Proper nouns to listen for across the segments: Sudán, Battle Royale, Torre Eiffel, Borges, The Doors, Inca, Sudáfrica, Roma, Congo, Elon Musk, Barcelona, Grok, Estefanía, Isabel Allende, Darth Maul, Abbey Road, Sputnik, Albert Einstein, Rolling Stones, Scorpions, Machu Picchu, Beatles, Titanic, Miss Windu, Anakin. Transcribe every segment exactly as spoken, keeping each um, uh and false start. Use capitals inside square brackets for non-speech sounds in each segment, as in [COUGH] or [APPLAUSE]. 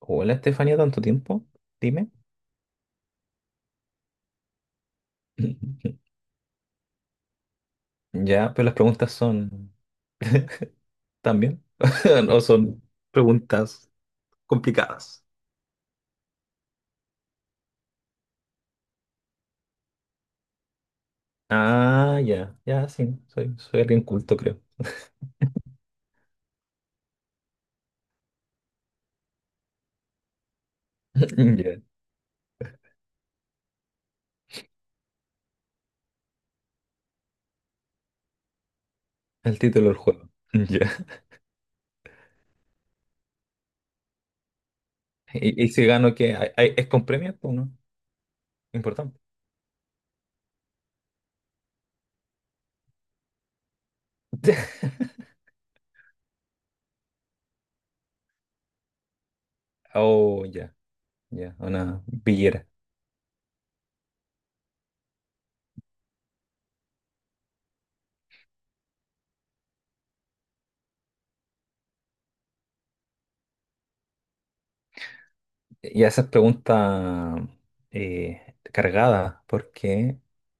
Hola Estefanía, tanto tiempo, dime. [CLEARS THROAT] [LAUGHS] Ya, pero las preguntas son también, [LAUGHS] no son preguntas complicadas. Ah, ya, ya, sí, soy, soy alguien culto, creo. [CLEARS THROAT] [LAUGHS] Ya, el título del juego. [CLEARS THROAT] Ya. Y, y si gano, ¿qué? ¿Hay- hay- ¿Es con premio o no? Importante. [LAUGHS] Oh, ya, ya, una billera. Y esas preguntas eh, cargadas, porque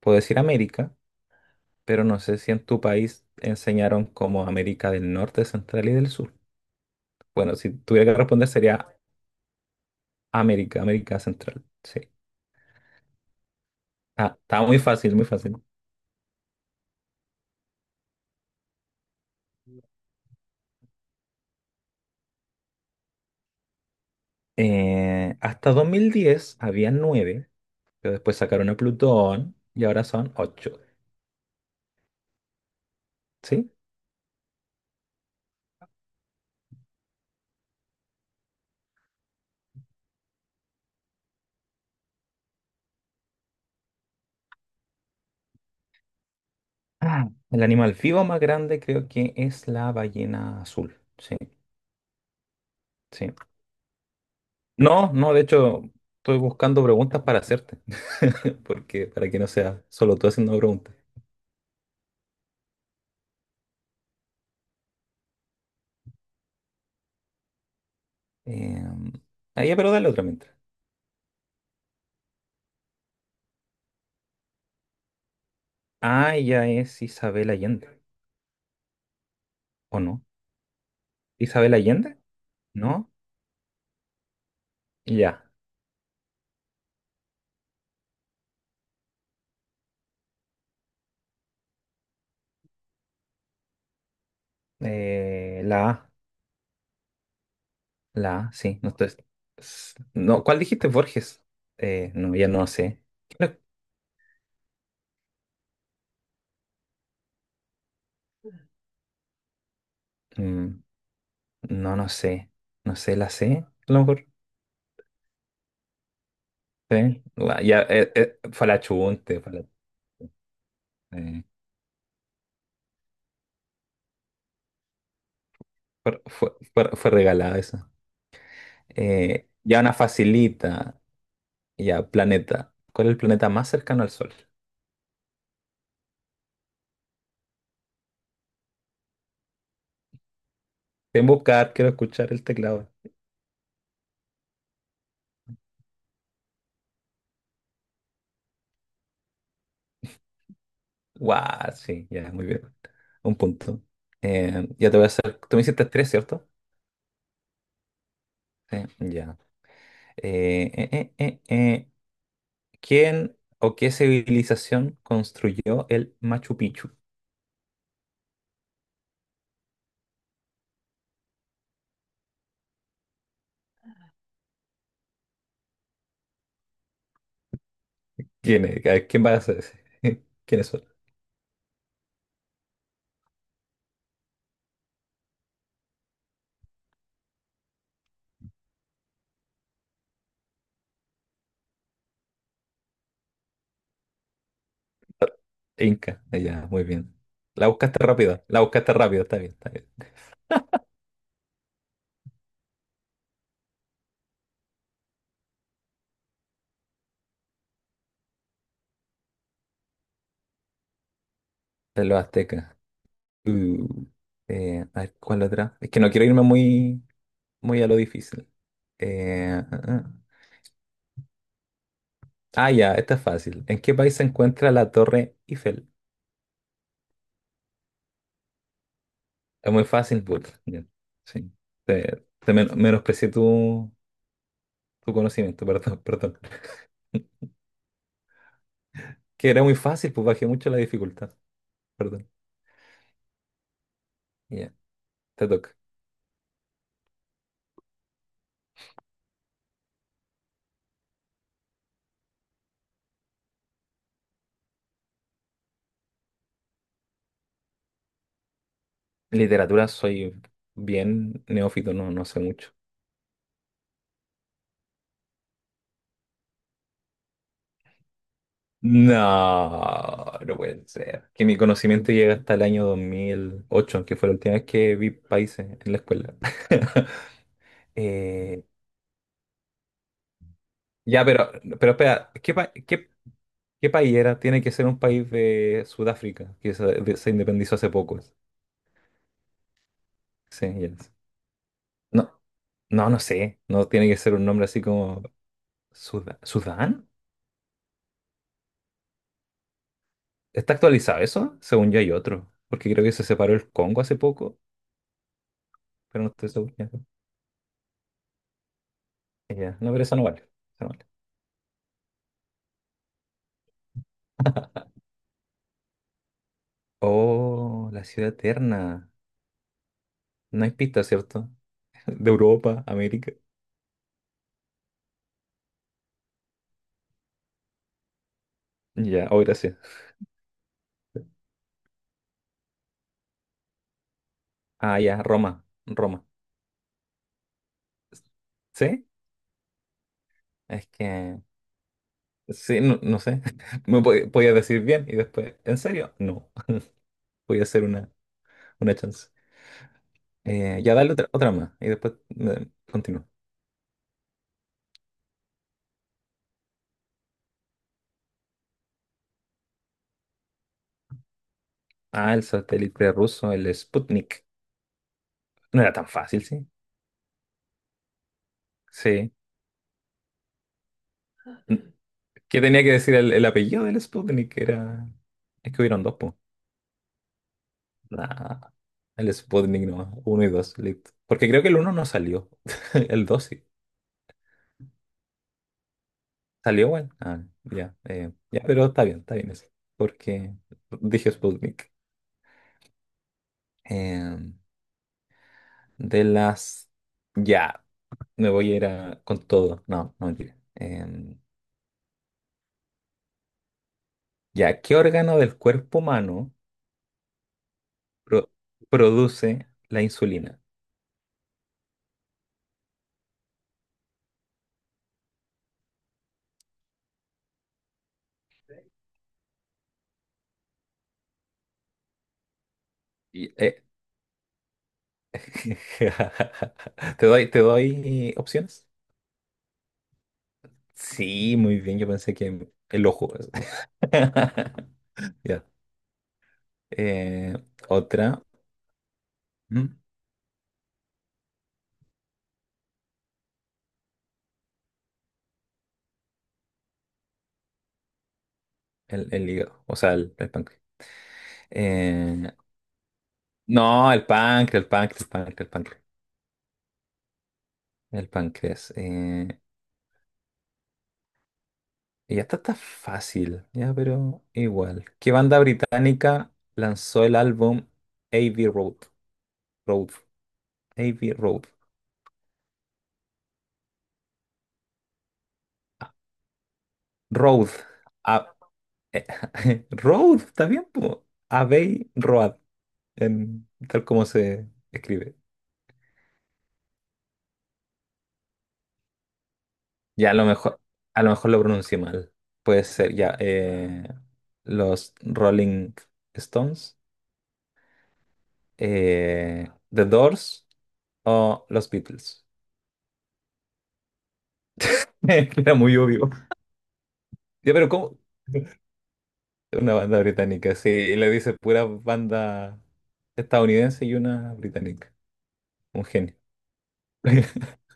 puedo decir América, pero no sé si en tu país enseñaron como América del Norte, Central y del Sur. Bueno, si tuviera que responder sería América, América Central. Sí. Ah, estaba muy fácil, muy fácil. Eh, hasta dos mil diez había nueve, pero después sacaron a Plutón y ahora son ocho. ¿Sí? Ah, el animal vivo más grande creo que es la ballena azul. Sí, sí. No, no, de hecho, estoy buscando preguntas para hacerte. [LAUGHS] Porque para que no sea solo tú haciendo preguntas. Eh, ah, ya, pero dale otra mientras. Ah, ella es Isabel Allende, ¿o no? ¿Isabel Allende? ¿No? Ya. Eh, la A, la A, sí. No, estoy- s- no, ¿cuál dijiste, Borges? Eh, no, ya no sé. Creo- mm, no, no sé. No sé, la C, a lo mejor. Sí, la- ya, eh, eh, fue la chunte, fue, la- eh, fue, fue, fue- fue regalada esa. Eh, ya una facilita, ya, planeta. ¿Cuál es el planeta más cercano al Sol? En buscar, quiero escuchar el teclado. Guau, sí, ya, muy bien. Un punto. Eh, ya te voy a hacer. Tú me hiciste tres, ¿cierto? Sí, ya. Eh, eh, eh, eh, eh, ¿Quién o qué civilización construyó el Machu Picchu? ¿Quién es? A ver, ¿quién va a ser ese? [LAUGHS] ¿Quiénes son? Inca. Eh, ya, muy bien. La buscaste rápido, la buscaste rápido, está bien, está bien. De los aztecas. Uh, eh, a ver, ¿cuál otra? Es que no quiero irme muy, muy a lo difícil. Eh, ah, ah. Ah, ya, esta es fácil. ¿En qué país se encuentra la Torre Eiffel? Es muy fácil, but ya. Sí. Te, te men- menosprecié tu, tu conocimiento, [LAUGHS] perdón, perdón. Que era muy fácil, pues bajé mucho la dificultad. Perdón. Ya, te toca. Literatura soy bien neófito, no, no sé mucho. No, no puede ser. Que mi conocimiento llega hasta el año dos mil ocho, que fue la última vez que vi países en la escuela. [LAUGHS] Eh, ya, pero, pero espera, ¿qué, pa- qué ¿qué país era? Tiene que ser un país de Sudáfrica, que se, de- se independizó hace poco. Sí, ya es. No, no, no sé. No, tiene que ser un nombre así como Suda- Sudán. ¿Está actualizado eso? Según yo hay otro. Porque creo que se separó el Congo hace poco, pero no estoy seguro. Ya. Ya. No, pero esa no vale, esa no vale. Oh, la ciudad eterna. No hay pista, ¿cierto? [LAUGHS] De Europa, América. Ya, oh, gracias. Ah, ya, Roma. Roma. ¿Sí? Es que sí, no, no sé. [LAUGHS] Me po- podía decir bien y después, ¿en serio? No. [LAUGHS] Voy a hacer una, una chance. Eh, ya dale otra, otra más y después eh, continúo. Ah, el satélite ruso, el Sputnik. No era tan fácil, ¿sí? Sí. N- ¿Qué tenía que decir el, el apellido del Sputnik? Era... Es que hubieron dos, pues. Nah, el Sputnik nomás, uno y dos, listo. Porque creo que el uno no salió, [LAUGHS] el dos sí. ¿Salió, bueno? Ah, ya, eh, ya, pero está bien, está bien eso. Porque dije Sputnik. Em, de las... Ya, me voy a ir a- con todo. No, no mentira. Em, ya, ¿qué órgano del cuerpo humano pro- produce la insulina? Y- eh, [LAUGHS] ¿Te doy, te doy opciones? Sí, muy bien, yo pensé que el ojo. [LAUGHS] Ya. Eh, Otra. ¿Mm? El, el hígado, o sea, el, el páncreas. Eh, no, el páncreas, el páncreas, el páncreas, el páncreas. El páncreas. eh, Y esta está fácil, ya, pero igual. ¿Qué banda británica lanzó el álbum Abbey Road? Road. Abbey Road. Road. A- [LAUGHS] Road, ¿está bien, po? Abbey Road, en- tal como se escribe. Ya, a lo mejor, a lo mejor lo pronuncié mal. Puede ser, ya. Eh, los Rolling Stones, eh, The Doors o los Beatles. [LAUGHS] Era muy obvio. Ya, pero ¿cómo? Una banda británica, sí. Y le dice pura banda estadounidense y una británica. Un genio. [LAUGHS]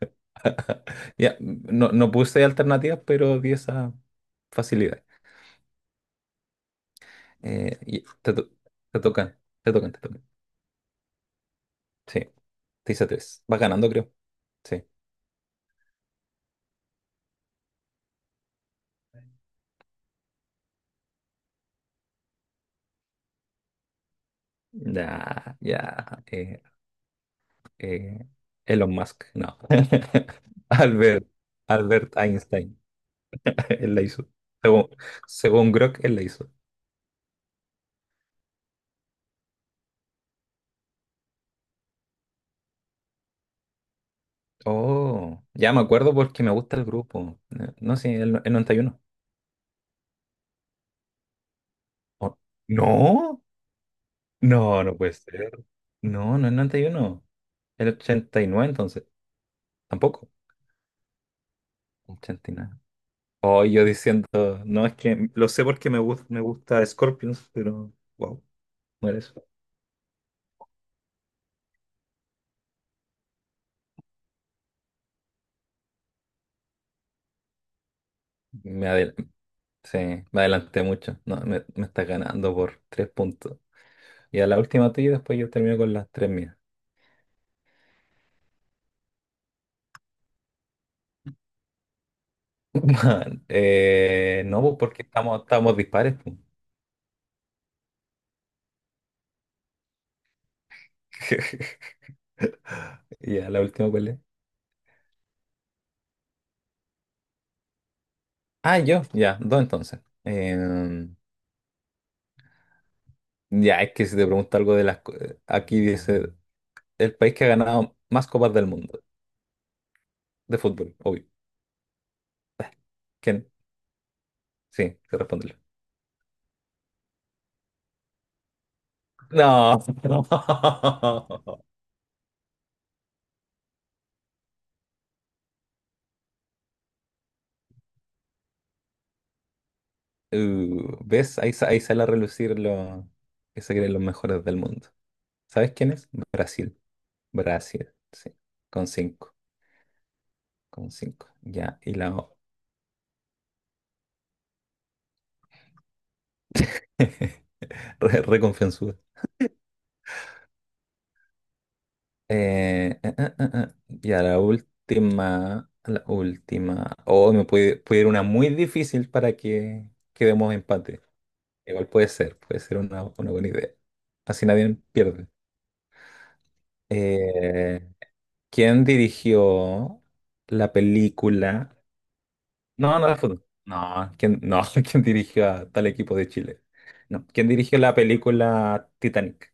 Ya, no, no puse alternativas, pero di esa facilidad. Eh, y te, to- te tocan, te tocan, te tocan. Sí, te hice tres. Vas ganando, creo. Sí. Ya, ya. eh, eh, Elon Musk, no. [LAUGHS] Albert, Albert Einstein, [LAUGHS] él la hizo. Según, según Grok, él la hizo. Oh, ya me acuerdo porque me gusta el grupo. Eh, No, sí, el, el noventa y uno. Oh, no, no, no puede ser. No, no es noventa y uno. El ochenta y nueve entonces. Tampoco. ochenta y nueve. Oh, yo diciendo, no, es que lo sé porque me, gus- me gusta Scorpions, pero wow, no era eso. Me adel- sí, me adelanté mucho. No, me, me está ganando por tres puntos. Y a la última tuya y después yo termino con las tres mías. [LAUGHS] Man, eh, no, pues, porque estamos, estamos dispares pues. [LAUGHS] Ya, la última cuál es. Ah, yo, ya, dos entonces. Em, ya, es que si te pregunto algo de las... co- eh, aquí dice, el país que ha ganado más copas del mundo, de fútbol, obvio. [LAUGHS] ¿Quién? Sí, te responde. No. [LAUGHS] No. Uh, ¿ves? Ahí, sa- ahí sale a relucir lo que se creen los mejores del mundo. ¿Sabes quién es? Brasil. Brasil, sí. Con cinco. Con cinco. Ya, y la... o- [LAUGHS] Re, reconfianzuda. Eh, eh, eh, eh, eh. Ya la última, la última, o me puede, puede ir una muy difícil para que quedemos empate. Igual puede ser, puede ser una, una buena idea. Así nadie pierde. Eh, ¿Quién dirigió la película? No, no, fútbol. No, ¿quién, no, [LAUGHS] ¿quién dirigió a tal equipo de Chile? No, ¿quién dirigió la película Titanic?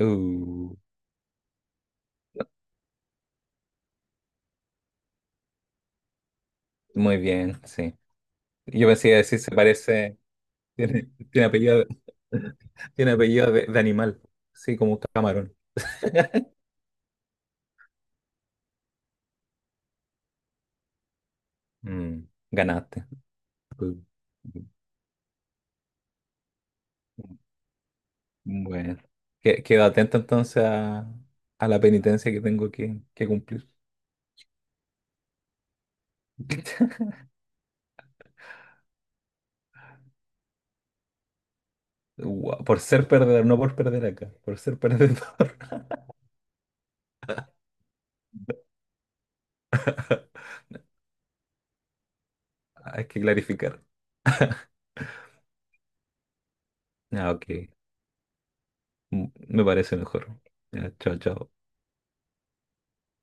Uh, muy bien, sí. Yo pensé que decir, se parece. Tiene, tiene apellido, de- [LAUGHS] tiene apellido de, de animal, sí, como un camarón. Mm, ganaste. Bueno, que- quedo atento entonces a, a la penitencia que tengo que, que cumplir. [LAUGHS] Guau, por ser perdedor, no por perder acá, por ser perdedor. [LAUGHS] Hay que clarificar. Ah, ok. Mm, me parece mejor. Ya, chao, chao.